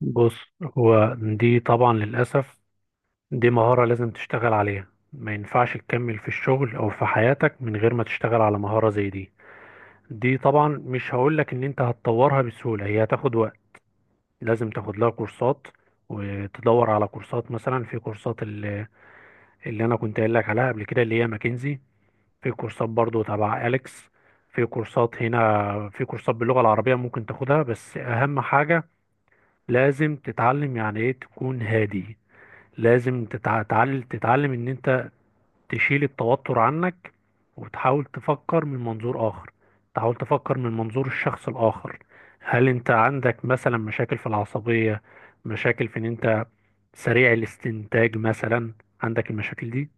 بص، هو دي طبعا للأسف دي مهارة لازم تشتغل عليها. ما ينفعش تكمل في الشغل أو في حياتك من غير ما تشتغل على مهارة زي دي. دي طبعا مش هقولك إن أنت هتطورها بسهولة، هي هتاخد وقت. لازم تاخد لها كورسات وتدور على كورسات، مثلا في كورسات اللي أنا كنت قايل لك عليها قبل كده، اللي هي ماكنزي. في كورسات برضو تبع أليكس، في كورسات هنا، في كورسات باللغة العربية ممكن تاخدها. بس أهم حاجة لازم تتعلم يعني إيه تكون هادي. لازم تتعلم ان انت تشيل التوتر عنك، وتحاول تفكر من منظور اخر، تحاول تفكر من منظور الشخص الاخر. هل انت عندك مثلا مشاكل في العصبية، مشاكل في ان انت سريع الاستنتاج مثلا؟ عندك المشاكل دي؟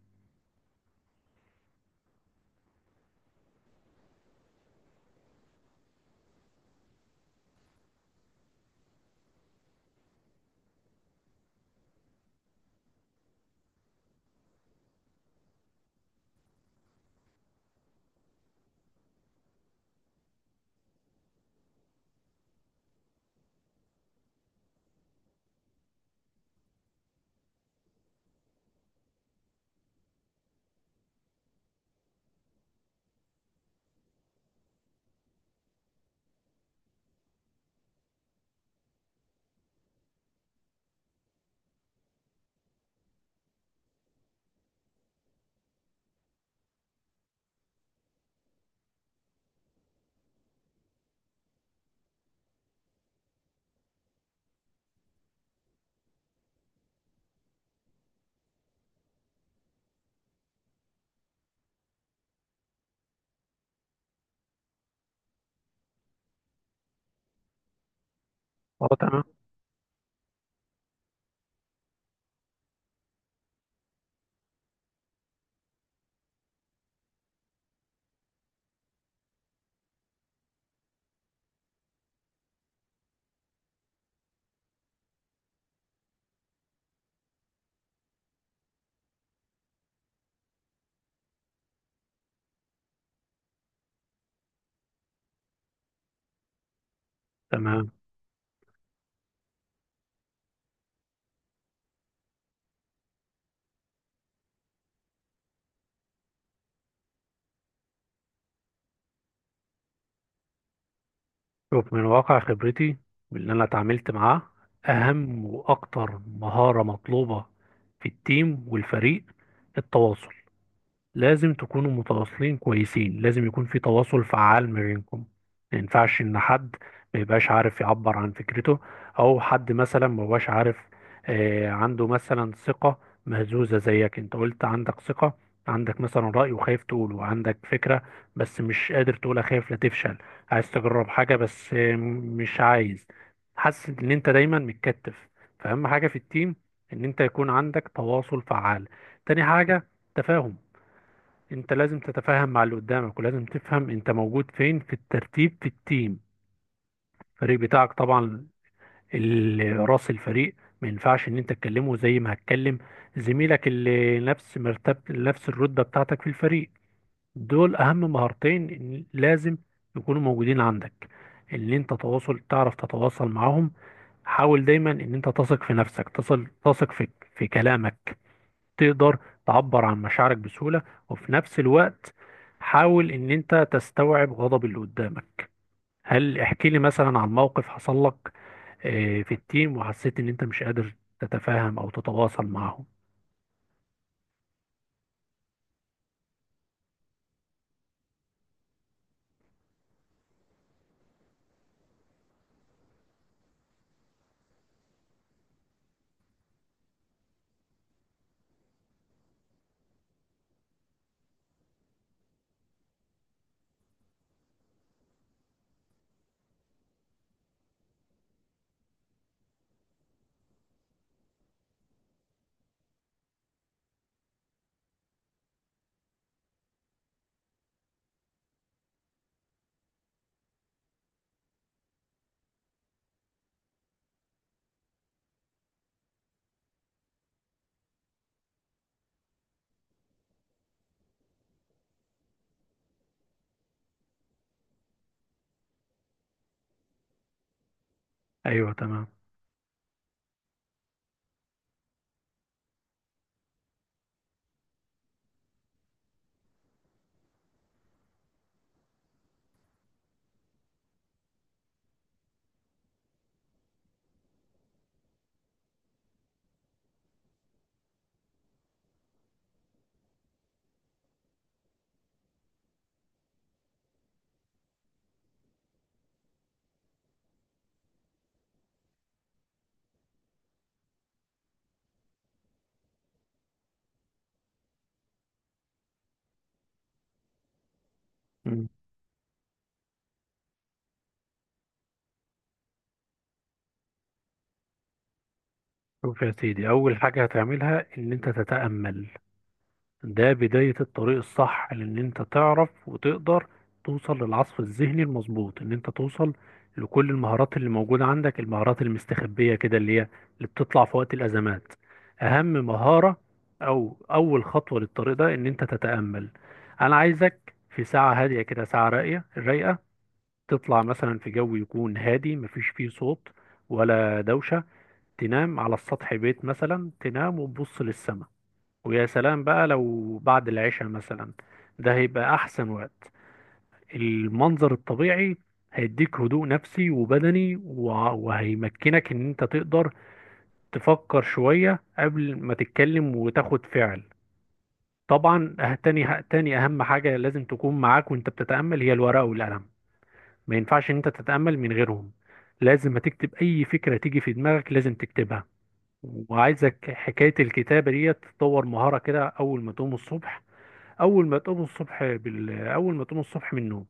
اه تمام، تمام. شوف من واقع خبرتي واللي انا اتعاملت معاه، اهم واكتر مهارة مطلوبة في التيم والفريق، التواصل. لازم تكونوا متواصلين كويسين، لازم يكون في تواصل فعال ما بينكم. ما ينفعش ان حد ما يبقاش عارف يعبر عن فكرته، او حد مثلا ما هوش عارف، عنده مثلا ثقة مهزوزة زيك انت قلت عندك ثقة، عندك مثلا رأي وخايف تقوله، عندك فكرة بس مش قادر تقولها خايف لا تفشل، عايز تجرب حاجة بس مش عايز، حاسس ان انت دايما متكتف. فأهم حاجة في التيم ان انت يكون عندك تواصل فعال. تاني حاجة، تفاهم. انت لازم تتفاهم مع اللي قدامك، ولازم تفهم انت موجود فين في الترتيب في التيم. الفريق بتاعك طبعا، راس الفريق ما ينفعش ان انت تكلمه زي ما هتكلم زميلك اللي نفس مرتب، نفس الرتبة بتاعتك في الفريق. دول اهم مهارتين إن لازم يكونوا موجودين عندك، ان انت تواصل، تعرف تتواصل معاهم. حاول دايما ان انت تثق في نفسك، تصل تثق في كلامك، تقدر تعبر عن مشاعرك بسهولة. وفي نفس الوقت حاول ان انت تستوعب غضب اللي قدامك. هل احكي لي مثلا عن موقف حصل لك في التيم وحسيت ان انت مش قادر تتفاهم او تتواصل معهم؟ ايوه تمام. مم. شوف يا سيدي، اول حاجة هتعملها ان انت تتأمل. ده بداية الطريق الصح لان انت تعرف وتقدر توصل للعصف الذهني المظبوط، ان انت توصل لكل المهارات اللي موجودة عندك، المهارات المستخبية كده اللي هي اللي بتطلع في وقت الازمات. اهم مهارة او اول خطوة للطريق ده ان انت تتأمل. انا عايزك في ساعة هادية كده، ساعة راقية رايقة، تطلع مثلا في جو يكون هادي مفيش فيه صوت ولا دوشة. تنام على السطح بيت مثلا، تنام وتبص للسماء. ويا سلام بقى لو بعد العشاء مثلا، ده هيبقى أحسن وقت. المنظر الطبيعي هيديك هدوء نفسي وبدني، وهيمكنك إن أنت تقدر تفكر شوية قبل ما تتكلم وتاخد فعل. طبعا تاني أهم حاجة لازم تكون معاك وأنت بتتأمل هي الورقة والقلم. ما ينفعش إن أنت تتأمل من غيرهم. لازم هتكتب أي فكرة تيجي في دماغك، لازم تكتبها. وعايزك حكاية الكتابة دي تطور مهارة كده. أول ما تقوم الصبح اول ما تقوم الصبح بال... اول ما تقوم الصبح من النوم،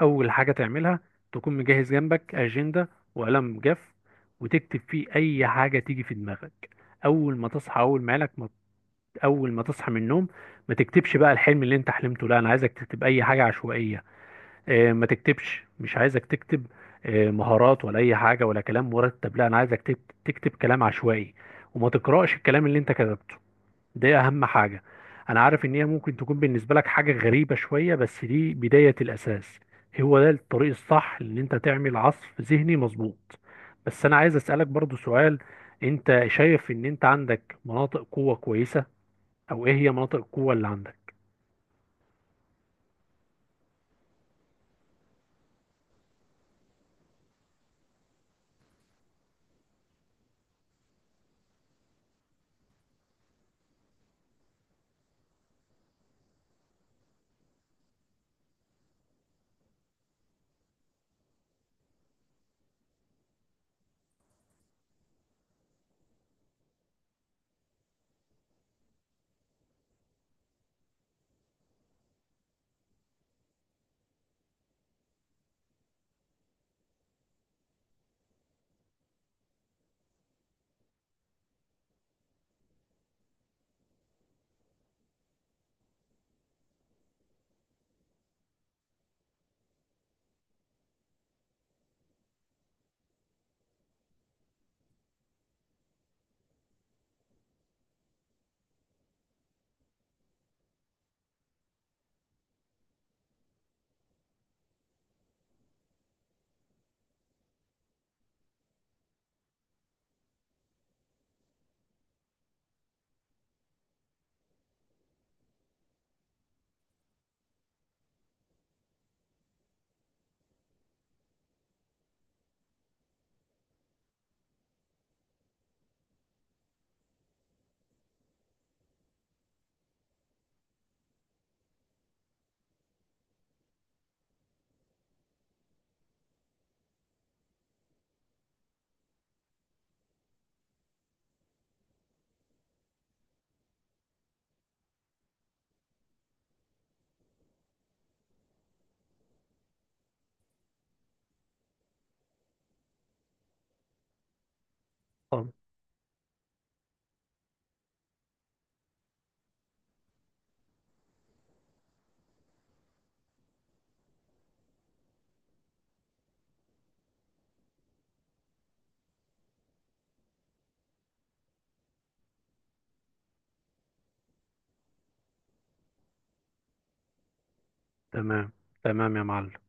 اول حاجه تعملها تكون مجهز جنبك اجنده وقلم جاف، وتكتب فيه اي حاجه تيجي في دماغك. اول ما تصحى اول ما لك ما... اول ما تصحى من النوم، ما تكتبش بقى الحلم اللي انت حلمته، لا انا عايزك تكتب اي حاجه عشوائيه. اه ما تكتبش، مش عايزك تكتب اه مهارات ولا اي حاجه ولا كلام مرتب، لا انا عايزك تكتب كلام عشوائي. وما تقراش الكلام اللي انت كتبته. دي اهم حاجة. انا عارف ان هي ممكن تكون بالنسبة لك حاجة غريبة شوية، بس دي بداية الاساس. هو ده الطريق الصح ان انت تعمل عصف ذهني مظبوط. بس انا عايز اسألك برضو سؤال، انت شايف ان انت عندك مناطق قوة كويسة؟ او ايه هي مناطق القوة اللي عندك؟ طب. تمام، تمام يا معلم.